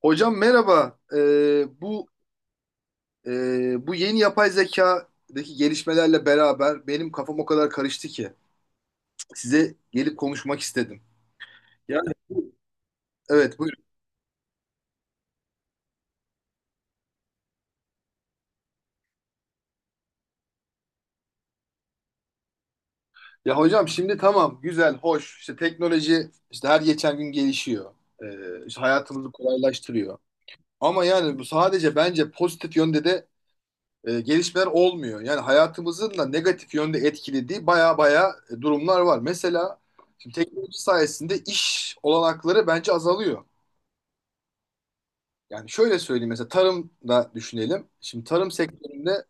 Hocam merhaba. E, bu yeni yapay zekadaki gelişmelerle beraber benim kafam o kadar karıştı ki size gelip konuşmak istedim. Yani evet buyurun. Ya hocam şimdi tamam güzel hoş işte teknoloji işte her geçen gün gelişiyor. İşte hayatımızı kolaylaştırıyor. Ama yani bu sadece bence pozitif yönde de gelişmeler olmuyor. Yani hayatımızın da negatif yönde etkilediği baya baya durumlar var. Mesela şimdi teknoloji sayesinde iş olanakları bence azalıyor. Yani şöyle söyleyeyim mesela tarımda düşünelim. Şimdi tarım sektöründe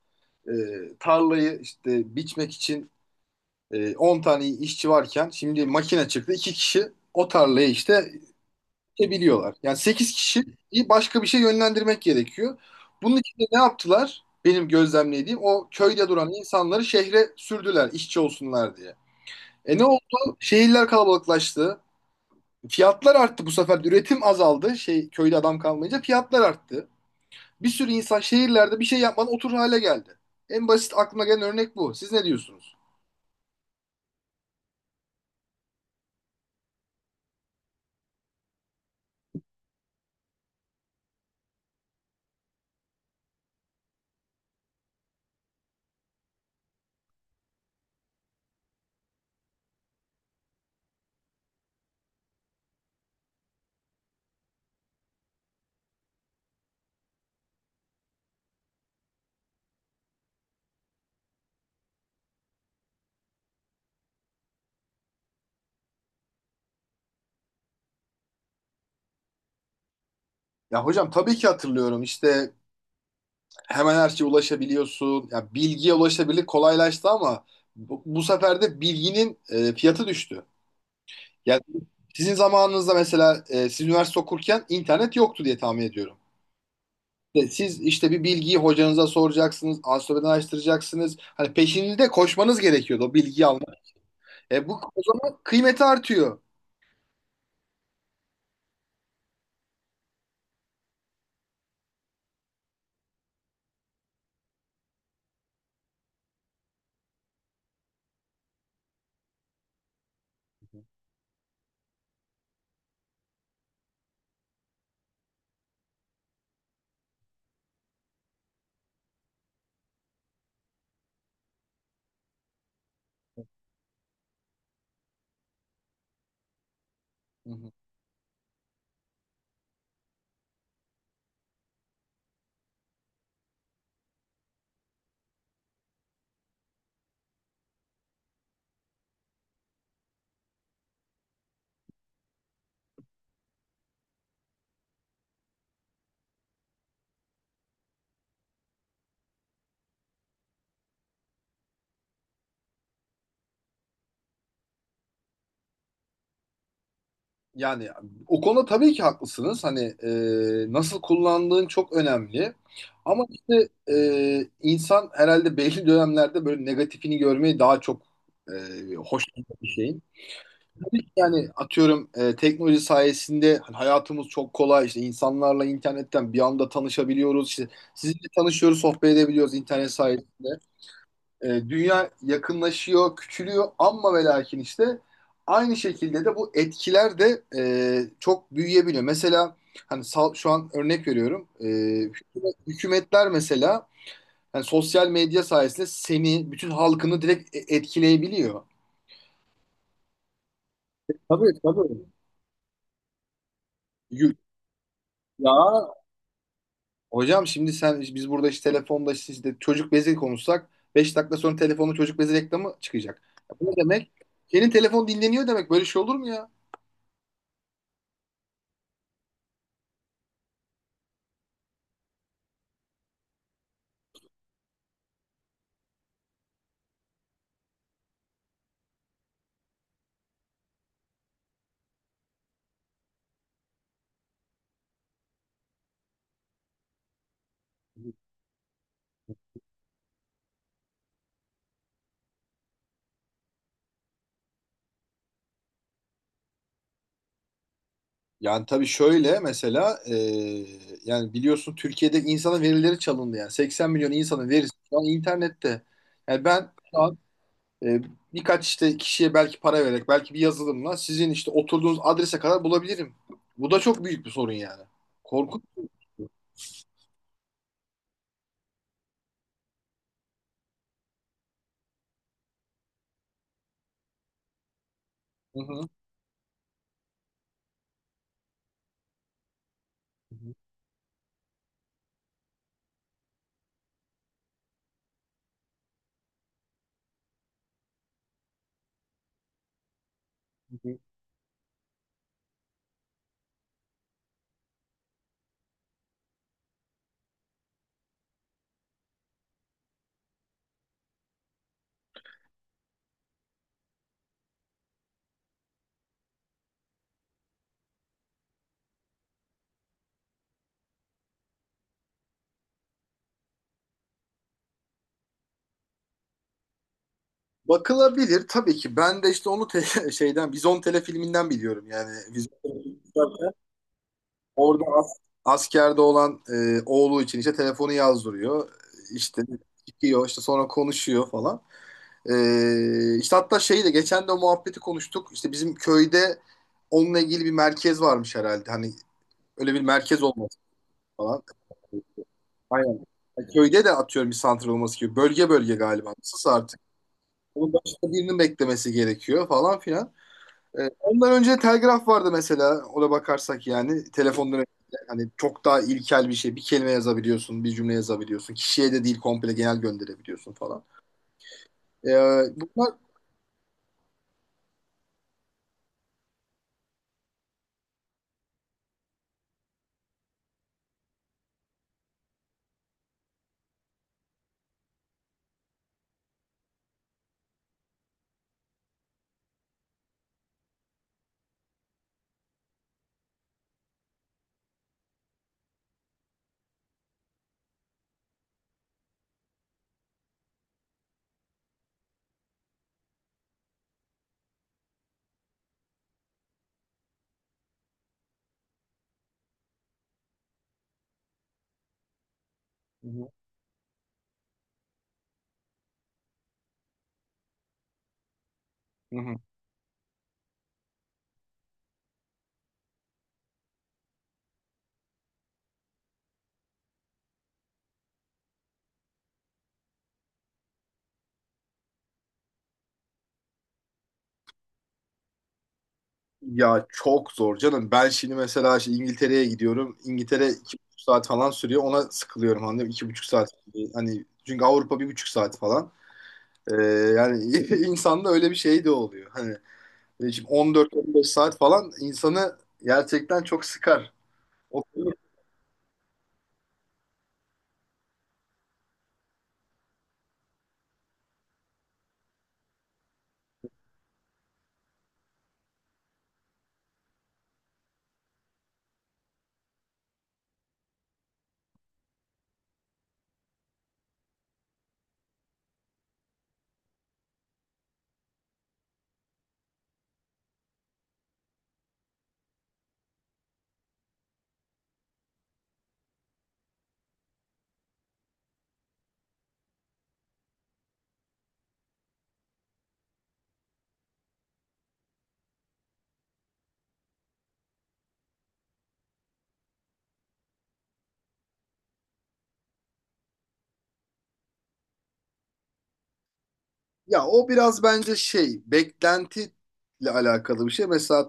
tarlayı işte biçmek için 10 tane işçi varken şimdi makine çıktı. İki kişi o tarlayı işte biliyorlar. Yani 8 kişiyi başka bir şey yönlendirmek gerekiyor. Bunun için de ne yaptılar? Benim gözlemlediğim, o köyde duran insanları şehre sürdüler işçi olsunlar diye. Ne oldu? Şehirler kalabalıklaştı. Fiyatlar arttı bu sefer. Üretim azaldı. Şey, köyde adam kalmayınca fiyatlar arttı. Bir sürü insan şehirlerde bir şey yapmadan oturur hale geldi. En basit aklıma gelen örnek bu. Siz ne diyorsunuz? Ya hocam tabii ki hatırlıyorum. İşte hemen her şeye ulaşabiliyorsun. Ya bilgiye ulaşabilir kolaylaştı ama bu sefer de bilginin fiyatı düştü. Yani sizin zamanınızda mesela siz üniversite okurken internet yoktu diye tahmin ediyorum. Siz işte bir bilgiyi hocanıza soracaksınız, ansiklopediden araştıracaksınız. Hani peşinde koşmanız gerekiyordu o bilgiyi almak. Bu o zaman kıymeti artıyor. Hı hı. Yani o konuda tabii ki haklısınız. Hani nasıl kullandığın çok önemli. Ama işte insan herhalde belli dönemlerde böyle negatifini görmeyi daha çok hoşlanıyor bir şeyin. Tabii ki yani atıyorum teknoloji sayesinde hani hayatımız çok kolay. İşte insanlarla internetten bir anda tanışabiliyoruz. İşte sizinle tanışıyoruz, sohbet edebiliyoruz internet sayesinde. Dünya yakınlaşıyor, küçülüyor ama ve lakin işte aynı şekilde de bu etkiler de çok büyüyebiliyor. Mesela hani şu an örnek veriyorum. Hükümetler mesela yani sosyal medya sayesinde seni, bütün halkını direkt etkileyebiliyor. Tabii, tabii. Yu- Ya hocam şimdi sen, biz burada işte telefonda işte çocuk bezi konuşsak 5 dakika sonra telefonda çocuk bezi reklamı çıkacak. Ya bu ne demek? Senin telefon dinleniyor demek. Böyle şey olur mu ya? Yani tabii şöyle mesela yani biliyorsun, Türkiye'de insanın verileri çalındı, yani 80 milyon insanın verisi şu an internette. Yani ben şu an e, birkaç işte kişiye belki para vererek, belki bir yazılımla sizin işte oturduğunuz adrese kadar bulabilirim. Bu da çok büyük bir sorun yani. Korkunç. Hı hı. Hı hı. Bakılabilir tabii ki. Ben de işte onu şeyden Vizon telefilminden biliyorum yani. Vizon. Orada askerde olan oğlu için işte telefonu yazdırıyor. İşte çıkıyor işte, sonra konuşuyor falan. İşte hatta şeyi de geçen de o muhabbeti konuştuk. İşte bizim köyde onunla ilgili bir merkez varmış herhalde. Hani öyle bir merkez olması falan. Aynen. Yani köyde de atıyorum bir santral olması gibi. Bölge bölge galiba. Nasılsa artık. Onun başka birinin beklemesi gerekiyor falan filan. Ondan önce telgraf vardı mesela. Ona bakarsak yani telefondan önce hani çok daha ilkel bir şey. Bir kelime yazabiliyorsun, bir cümle yazabiliyorsun. Kişiye de değil, komple genel gönderebiliyorsun falan. Ee, Bunlar. Hı hı. Ya çok zor canım. Ben şimdi mesela işte İngiltere'ye gidiyorum. İngiltere 2,5 saat falan sürüyor. Ona sıkılıyorum, anladın mı? 2,5 saat. Hani çünkü Avrupa 1,5 saat falan. Ee, Yani insanda öyle bir şey de oluyor. Hani şimdi 14-15 saat falan insanı gerçekten çok sıkar. Ya o biraz bence şey, beklentiyle alakalı bir şey. Mesela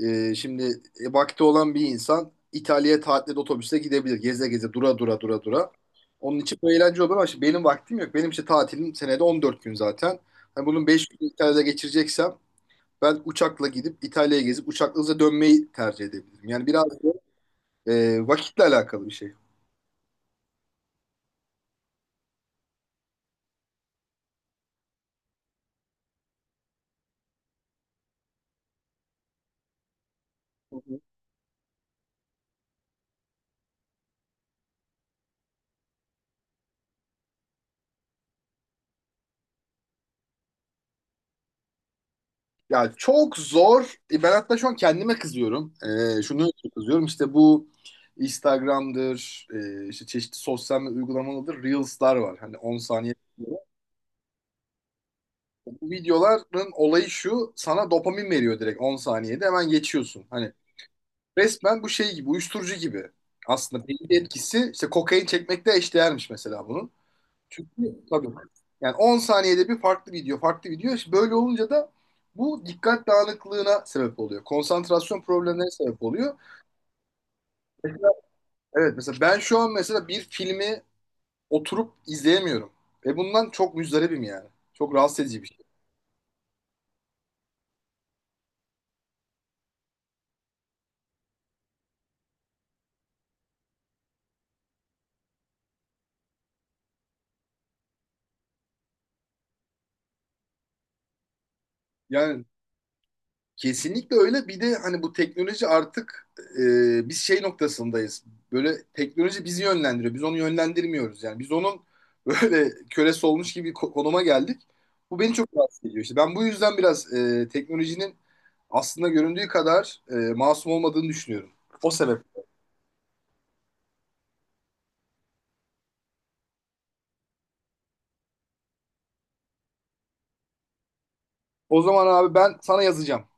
şimdi vakti olan bir insan İtalya'ya tatilde otobüste gidebilir. Geze geze, dura dura dura dura. Onun için bu eğlence olur ama şimdi benim vaktim yok. Benim işte tatilim senede 14 gün zaten. Hani bunun 5 gün İtalya'da geçireceksem, ben uçakla gidip İtalya'ya gezip uçakla hızla dönmeyi tercih edebilirim. Yani biraz da vakitle alakalı bir şey. Ya çok zor. Ben hatta şu an kendime kızıyorum. Şunu kızıyorum, işte bu Instagram'dır, işte çeşitli sosyal medya uygulamalarıdır, Reels'lar var. Hani 10 saniye. Bu videoların olayı şu, sana dopamin veriyor, direkt 10 saniyede hemen geçiyorsun. Hani resmen bu şey gibi, uyuşturucu gibi. Aslında belli bir etkisi işte kokain çekmekle eşdeğermiş mesela bunun. Çünkü tabii. Yani 10 saniyede bir farklı video, farklı video. İşte böyle olunca da bu dikkat dağınıklığına sebep oluyor. Konsantrasyon problemlerine sebep oluyor. Mesela, evet mesela ben şu an mesela bir filmi oturup izleyemiyorum. Ve bundan çok müzdaribim yani. Çok rahatsız edici bir şey. Yani kesinlikle öyle. Bir de hani bu teknoloji artık biz şey noktasındayız. Böyle teknoloji bizi yönlendiriyor. Biz onu yönlendirmiyoruz yani. Biz onun böyle kölesi olmuş gibi konuma geldik. Bu beni çok rahatsız ediyor. İşte ben bu yüzden biraz teknolojinin aslında göründüğü kadar masum olmadığını düşünüyorum. O sebep. O zaman abi ben sana yazacağım.